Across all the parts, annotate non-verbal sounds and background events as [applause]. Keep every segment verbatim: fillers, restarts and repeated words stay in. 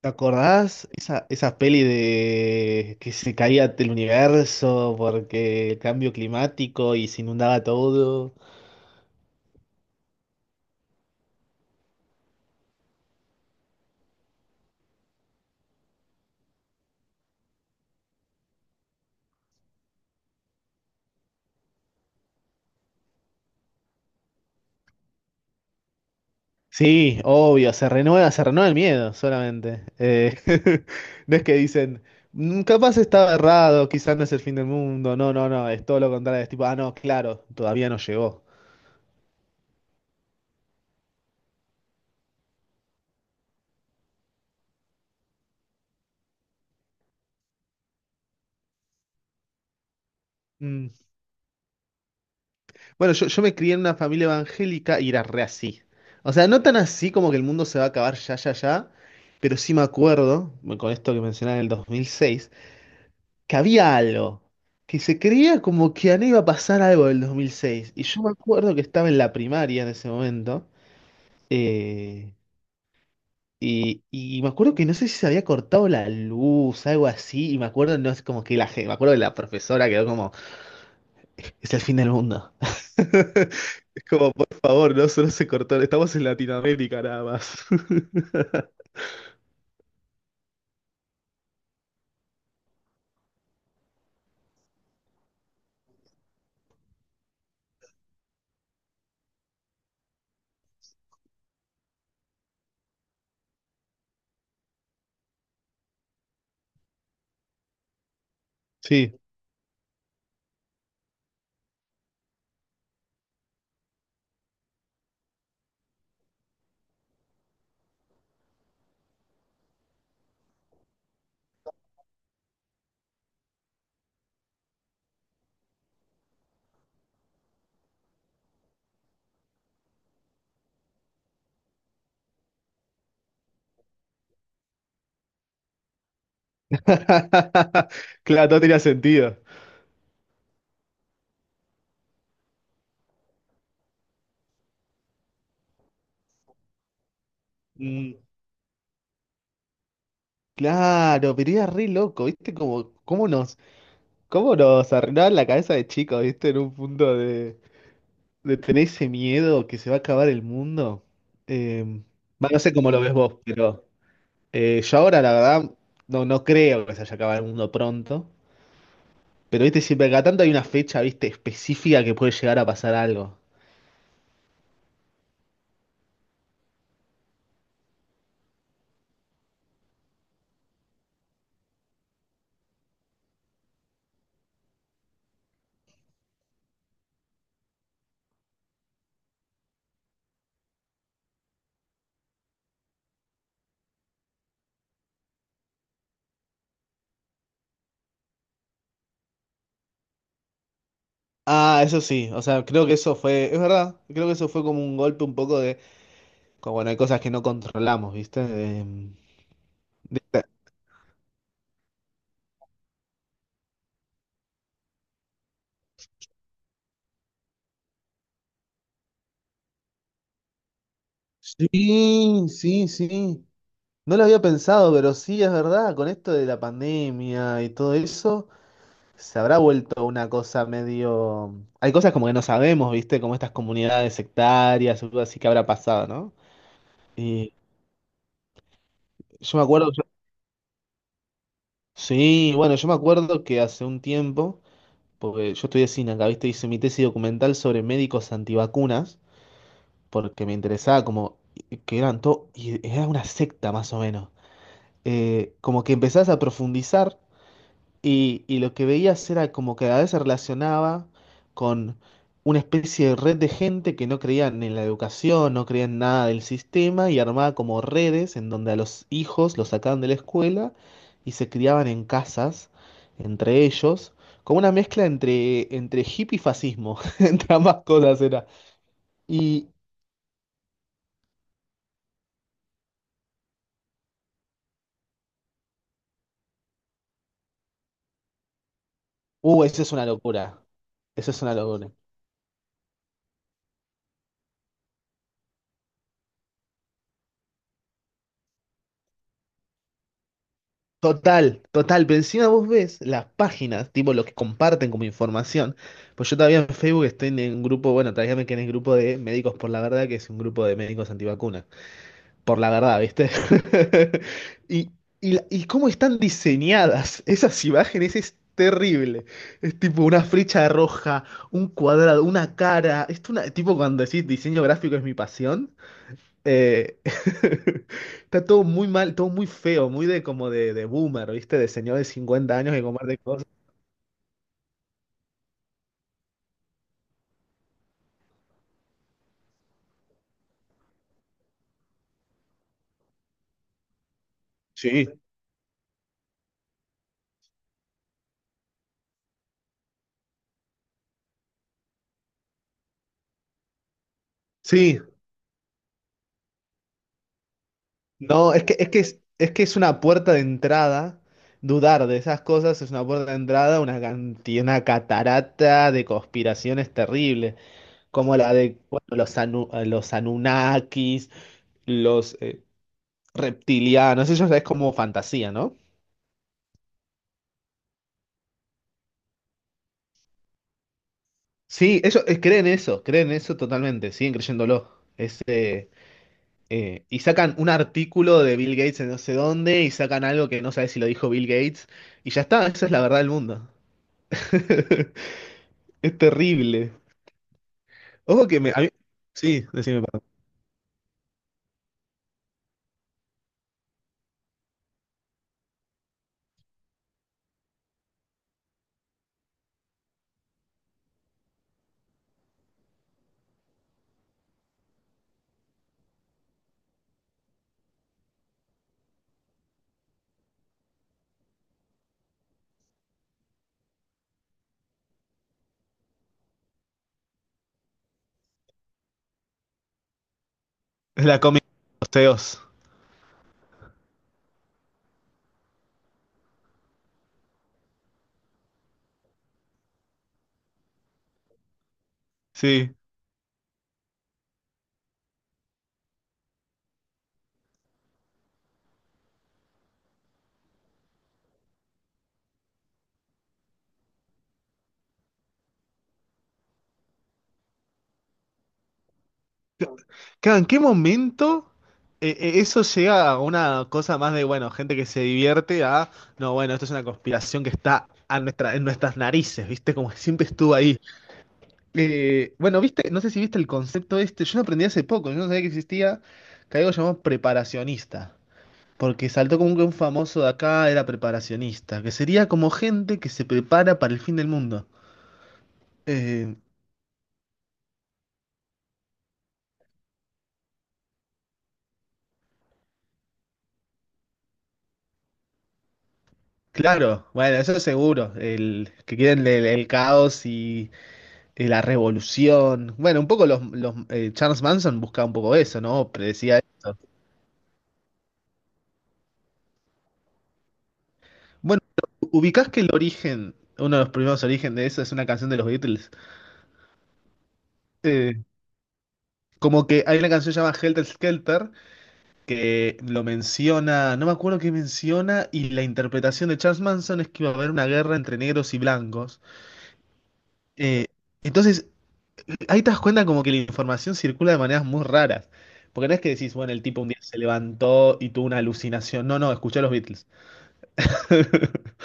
¿Te acordás esa, esa peli de que se caía el universo porque el cambio climático y se inundaba todo? Sí, obvio, se renueva, se renueva el miedo solamente. Eh, [laughs] no es que dicen, "Mm, capaz estaba errado, quizás no es el fin del mundo. No, no, no, es todo lo contrario. Es tipo, ah, no, claro, todavía no llegó". Mm. Bueno, yo, yo me crié en una familia evangélica y era re así. O sea, no tan así como que el mundo se va a acabar ya, ya, ya, pero sí me acuerdo, bueno, con esto que mencionaba en el dos mil seis, que había algo, que se creía como que a mí iba a pasar algo del dos mil seis. Y yo me acuerdo que estaba en la primaria en ese momento, eh, y, y me acuerdo que no sé si se había cortado la luz, algo así, y me acuerdo, no es como que la, gen- me acuerdo que la profesora quedó como, es el fin del mundo. [laughs] Como, por favor, no solo se cortó. Estamos en Latinoamérica nada más. [laughs] Sí. [laughs] Claro, no tenía sentido. Mm. Claro, pero era re loco, ¿viste? Como, cómo nos, cómo nos arruinaban la cabeza de chicos, ¿viste? En un punto de, de tener ese miedo que se va a acabar el mundo. Eh, bueno, no sé cómo lo ves vos, pero eh, yo ahora, la verdad, no, no creo que se haya acabado el mundo pronto. Pero, ¿viste? Siempre cada tanto hay una fecha, ¿viste? Específica que puede llegar a pasar algo. Ah, eso sí, o sea, creo que eso fue, es verdad, creo que eso fue como un golpe un poco de, como bueno, hay cosas que no controlamos, ¿viste? De- mm, de- sí, sí, sí, no lo había pensado, pero sí, es verdad, con esto de la pandemia y todo eso, se habrá vuelto una cosa medio... Hay cosas como que no sabemos, ¿viste? Como estas comunidades sectarias, algo así que habrá pasado, ¿no? Y yo me acuerdo, sí, bueno, yo me acuerdo que hace un tiempo... Porque yo estudié cine acá, ¿viste? Hice mi tesis documental sobre médicos antivacunas, porque me interesaba como que eran todo, y era una secta más o menos. Eh, como que empezás a profundizar y, y lo que veías era como que a veces se relacionaba con una especie de red de gente que no creían en la educación, no creían nada del sistema y armaba como redes en donde a los hijos los sacaban de la escuela y se criaban en casas entre ellos, como una mezcla entre, entre hippie y fascismo, [laughs] entre ambas cosas era. Y, uh, esa es una locura, esa es una locura. Total, total, pero encima vos ves las páginas, tipo lo que comparten como información. Pues yo todavía en Facebook estoy en un grupo, bueno, todavía me quedé en el grupo de Médicos por la Verdad, que es un grupo de médicos antivacunas. Por la verdad, ¿viste? [laughs] Y, y, la- y cómo están diseñadas esas imágenes es terrible. Es tipo una flecha roja, un cuadrado, una cara. Es una, tipo cuando decís diseño gráfico es mi pasión. Eh, [laughs] Está todo muy mal, todo muy feo, muy de como de, de boomer, ¿viste? De señor de cincuenta años que comparte cosas. Sí, sí. No, es que, es que es, es que es una puerta de entrada. Dudar de esas cosas es una puerta de entrada, a una cantidad, una catarata de conspiraciones terribles, como la de bueno, los, anu- eh, los Anunnakis, los eh, reptilianos, eso ya es como fantasía, ¿no? Sí, ellos eh, creen eso, creen eso totalmente, siguen creyéndolo. Eh, y sacan un artículo de Bill Gates en no sé dónde y sacan algo que no sabes si lo dijo Bill Gates y ya está, esa es la verdad del mundo. [laughs] Es terrible. Ojo que me... a mí... Sí, decime, perdón. La comedia de los C E Os. Sí. Claro, ¿en qué momento eh, eh, eso llega a una cosa más de, bueno, gente que se divierte a, no, bueno, esto es una conspiración que está a nuestra, en nuestras narices, ¿viste? Como que siempre estuvo ahí. Eh, bueno, viste, no sé si viste el concepto este, yo lo aprendí hace poco, yo no sabía que existía, que hay algo llamado preparacionista, porque saltó como que un famoso de acá era preparacionista, que sería como gente que se prepara para el fin del mundo. Eh, claro, bueno, eso es seguro, el, que quieren el, el caos y eh, la revolución. Bueno, un poco los, los, eh, Charles Manson buscaba un poco eso, ¿no? Predecía eso. Bueno, ubicás que el origen, uno de los primeros orígenes de eso es una canción de los Beatles. Eh, Como que hay una canción llamada Helter Skelter que lo menciona, no me acuerdo qué menciona, y la interpretación de Charles Manson es que iba a haber una guerra entre negros y blancos. Eh, entonces, ahí te das cuenta como que la información circula de maneras muy raras. Porque no es que decís, bueno, el tipo un día se levantó y tuvo una alucinación. No, no, escuché a los Beatles. [laughs]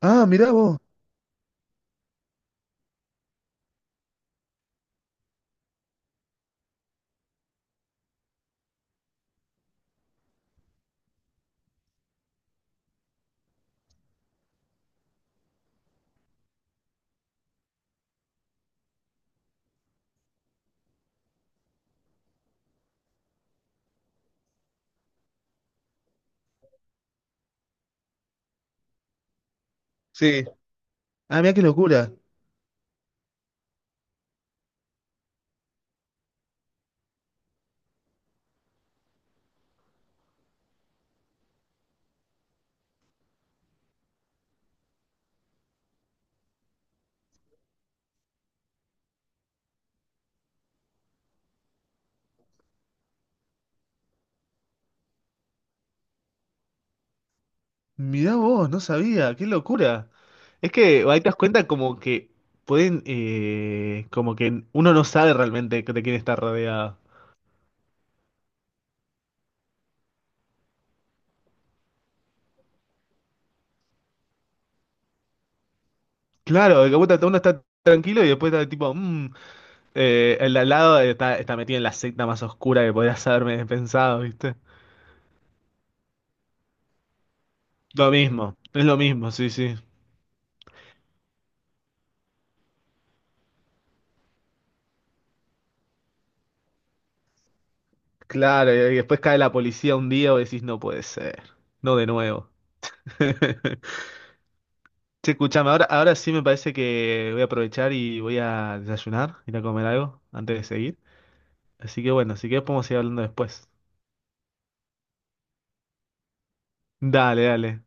Ah, mirá vos. Sí. Ah, mirá qué locura. Mirá vos, no sabía, qué locura. Es que ahí te das cuenta como que pueden, eh, como que uno no sabe realmente de quién está rodeado. Claro, de que puta, uno está tranquilo y después está tipo, mm, eh, el de al lado está, está metido en la secta más oscura que podrías haberme [laughs] pensado, ¿viste? Lo mismo, es lo mismo, sí, sí. Claro, y y después cae la policía un día y decís, no puede ser, no de nuevo. [laughs] Che, escuchame, ahora, ahora sí me parece que voy a aprovechar y voy a desayunar, ir a comer algo antes de seguir. Así que bueno, si querés podemos seguir hablando después. Dale, dale.